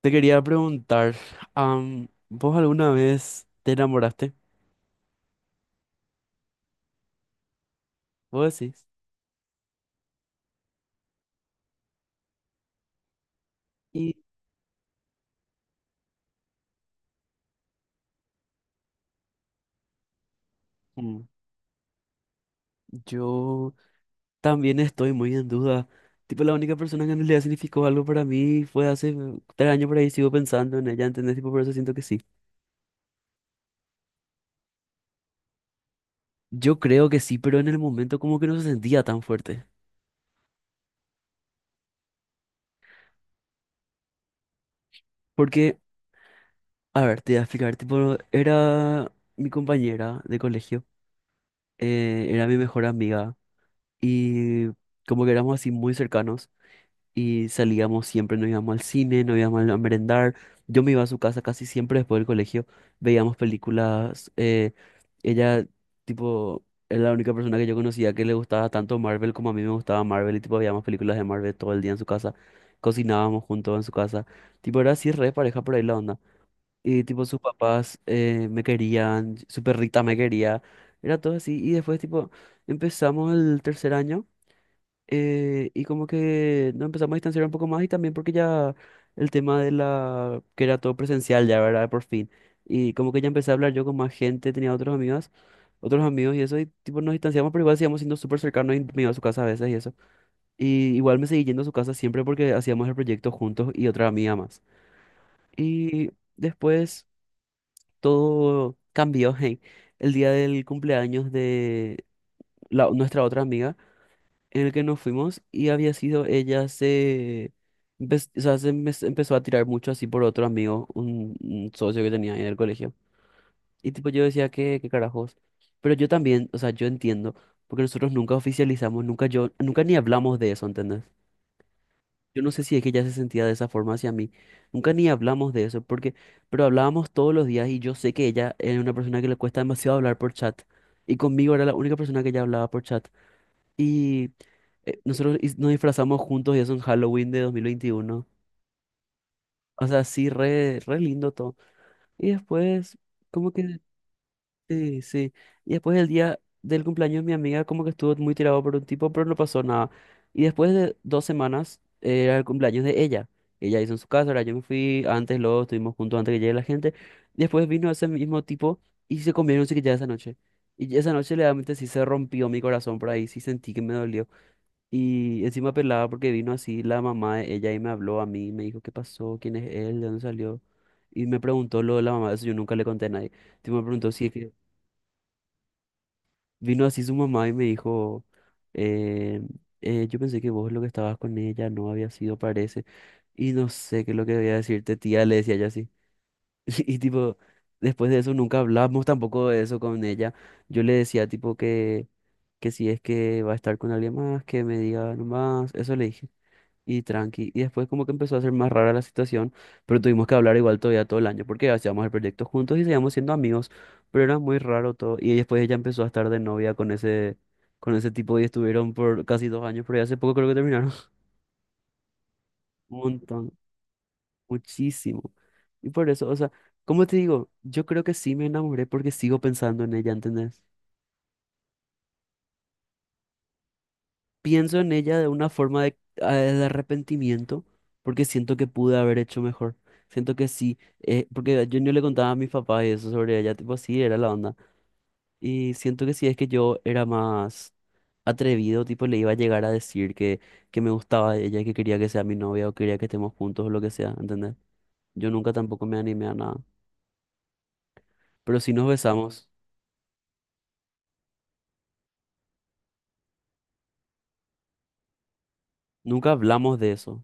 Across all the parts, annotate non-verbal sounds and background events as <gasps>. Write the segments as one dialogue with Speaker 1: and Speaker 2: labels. Speaker 1: Te quería preguntar, ¿vos alguna vez te enamoraste? ¿Vos decís? Y mm, yo también estoy muy en duda. Tipo, la única persona que en realidad significó algo para mí fue hace 3 años por ahí, sigo pensando en ella, ¿entendés? Tipo, por eso siento que sí. Yo creo que sí, pero en el momento como que no se sentía tan fuerte. Porque, a ver, te voy a explicar, tipo, era mi compañera de colegio, era mi mejor amiga y como que éramos así muy cercanos. Y salíamos siempre, nos íbamos al cine, nos íbamos a merendar. Yo me iba a su casa casi siempre después del colegio, veíamos películas. Ella, tipo, era la única persona que yo conocía que le gustaba tanto Marvel como a mí me gustaba Marvel y, tipo, veíamos películas de Marvel todo el día en su casa. Cocinábamos juntos en su casa. Tipo, era así re pareja por ahí la onda. Y, tipo, sus papás me querían, su perrita me quería. Era todo así. Y después, tipo, empezamos el tercer año. Y como que nos empezamos a distanciar un poco más y también porque ya el tema que era todo presencial ya, ¿verdad? Por fin. Y como que ya empecé a hablar yo con más gente, tenía otros amigos y eso, y tipo nos distanciamos, pero igual seguíamos siendo súper cercanos y me iba a su casa a veces y eso. Y igual me seguí yendo a su casa siempre porque hacíamos el proyecto juntos y otra amiga más. Y después todo cambió, <laughs> hey, el día del cumpleaños de nuestra otra amiga en el que nos fuimos y había sido ella o sea, se empezó a tirar mucho así por otro amigo, un socio que tenía ahí en el colegio. Y tipo yo decía, ¿ qué carajos? Pero yo también, o sea, yo entiendo, porque nosotros nunca oficializamos, nunca ni hablamos de eso, ¿entendés? Yo no sé si es que ella se sentía de esa forma hacia mí. Nunca ni hablamos de eso, pero hablábamos todos los días y yo sé que ella es una persona que le cuesta demasiado hablar por chat. Y conmigo era la única persona que ella hablaba por chat. Y nos disfrazamos juntos y eso en Halloween de 2021. O sea, sí, re, re lindo todo. Y después, como que, sí, sí. Y después el día del cumpleaños de mi amiga como que estuvo muy tirado por un tipo, pero no pasó nada. Y después de 2 semanas era el cumpleaños de ella. Ella hizo en su casa, ahora yo me fui antes, luego estuvimos juntos antes que llegue la gente. Después vino ese mismo tipo y se comieron que ya esa noche. Y esa noche, realmente sí se rompió mi corazón por ahí, sí sentí que me dolió. Y encima pelada porque vino así la mamá de ella y me habló a mí, me dijo qué pasó, quién es él, de dónde salió. Y me preguntó lo de la mamá, eso yo nunca le conté a nadie. Tipo, me preguntó si es que vino así su mamá y me dijo, eh, yo pensé que vos lo que estabas con ella no había sido, parece. Y no sé qué es lo que debía decirte, tía, le decía ella así. <laughs> Y, tipo, después de eso nunca hablamos tampoco de eso con ella. Yo le decía tipo que si es que va a estar con alguien más, que me diga nomás, eso le dije. Y tranqui. Y después como que empezó a ser más rara la situación, pero tuvimos que hablar igual todavía todo el año, porque hacíamos el proyecto juntos y seguíamos siendo amigos, pero era muy raro todo. Y después ella empezó a estar de novia con ese tipo y estuvieron por casi 2 años, pero ya hace poco creo que terminaron. <laughs> Un montón, muchísimo. Y por eso, o sea, como te digo, yo creo que sí me enamoré porque sigo pensando en ella, ¿entendés? Pienso en ella de una forma de, de arrepentimiento, porque siento que pude haber hecho mejor. Siento que sí, porque yo no le contaba a mis papás y eso sobre ella, tipo así era la onda. Y siento que sí, es que yo era más atrevido, tipo le iba a llegar a decir que me gustaba de ella, que quería que sea mi novia o quería que estemos juntos o lo que sea, ¿entendés? Yo nunca tampoco me animé a nada. Pero sí nos besamos, nunca hablamos de eso.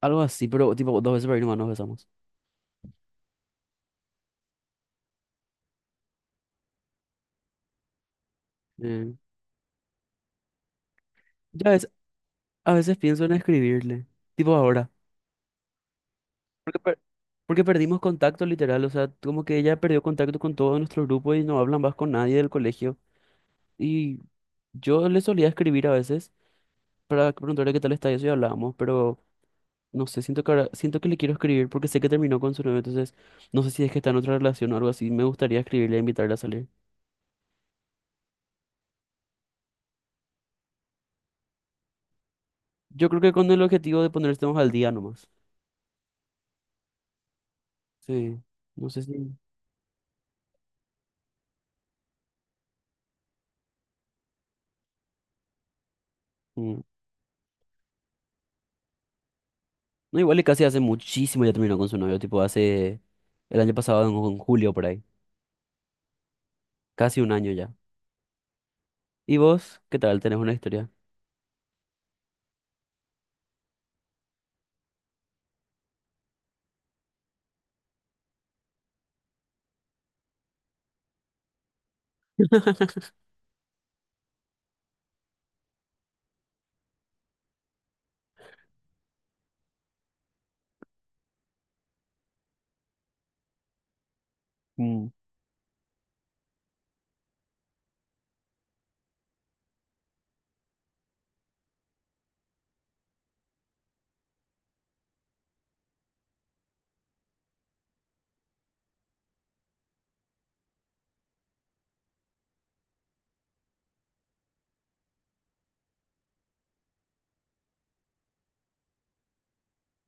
Speaker 1: Algo así, pero tipo 2 veces por ahí nomás nos besamos. Eh, ya ves, a veces pienso en escribirle, tipo ahora, porque, per- porque perdimos contacto literal, o sea, como que ella perdió contacto con todo nuestro grupo y no hablan más con nadie del colegio. Y yo le solía escribir a veces para preguntarle qué tal está y eso y hablábamos, pero no sé, siento que siento que le quiero escribir porque sé que terminó con su novio, entonces no sé si es que está en otra relación o algo así, me gustaría escribirle e invitarla a salir. Yo creo que con el objetivo de ponernos al día nomás. Sí, no sé si... Mm. No, igual y casi hace muchísimo ya terminó con su novio, tipo hace el año pasado, en julio por ahí. Casi un año ya. ¿Y vos? ¿Qué tal? ¿Tenés una historia? Mm,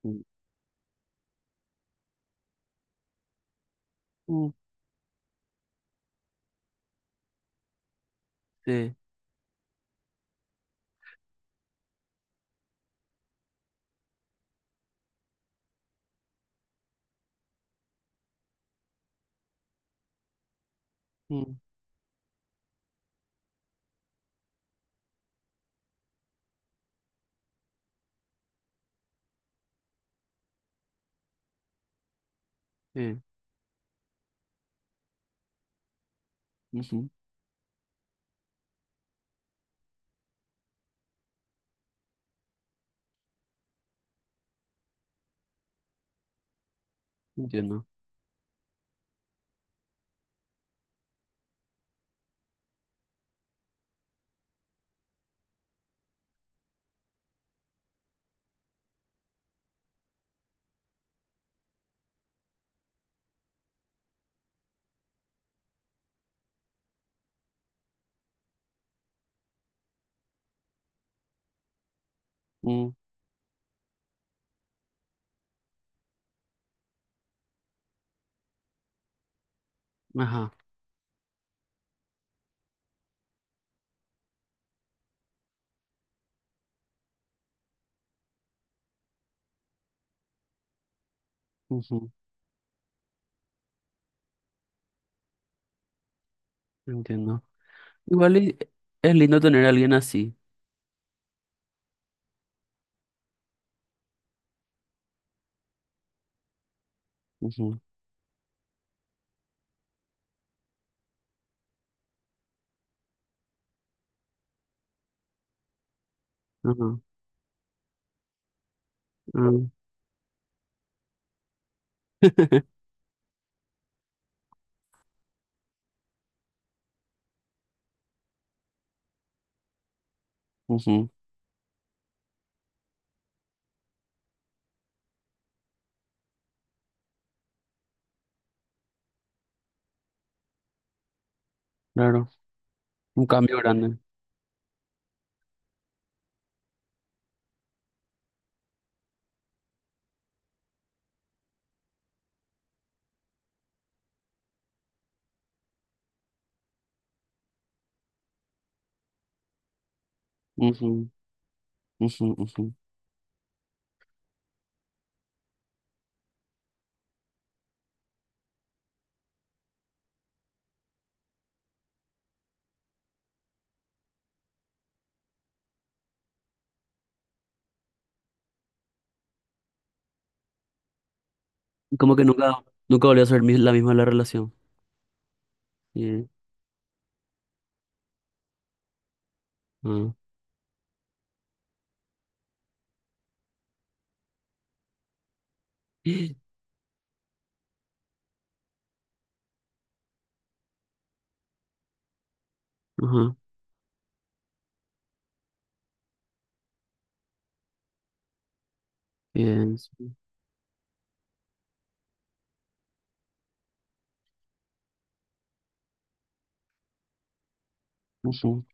Speaker 1: mm, mm, sí, mm, sí, ujú, entiendo. Mm, ajá, ujú, entiendo. Igual y es lindo tener a alguien así. Ujú, ajá, mm, <laughs> ujú, claro, un cambio grande. Ujú, ujú, ujú. Como que nunca, nunca volvió a ser la misma la relación. Sí, ah, <gasps> ajá. Bien, sí. Ujú,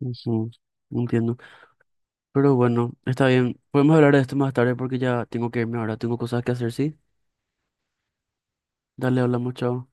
Speaker 1: ujú, entiendo. Pero bueno, está bien. Podemos hablar de esto más tarde porque ya tengo que irme ahora. Tengo cosas que hacer, ¿sí? Dale, hablamos, chao.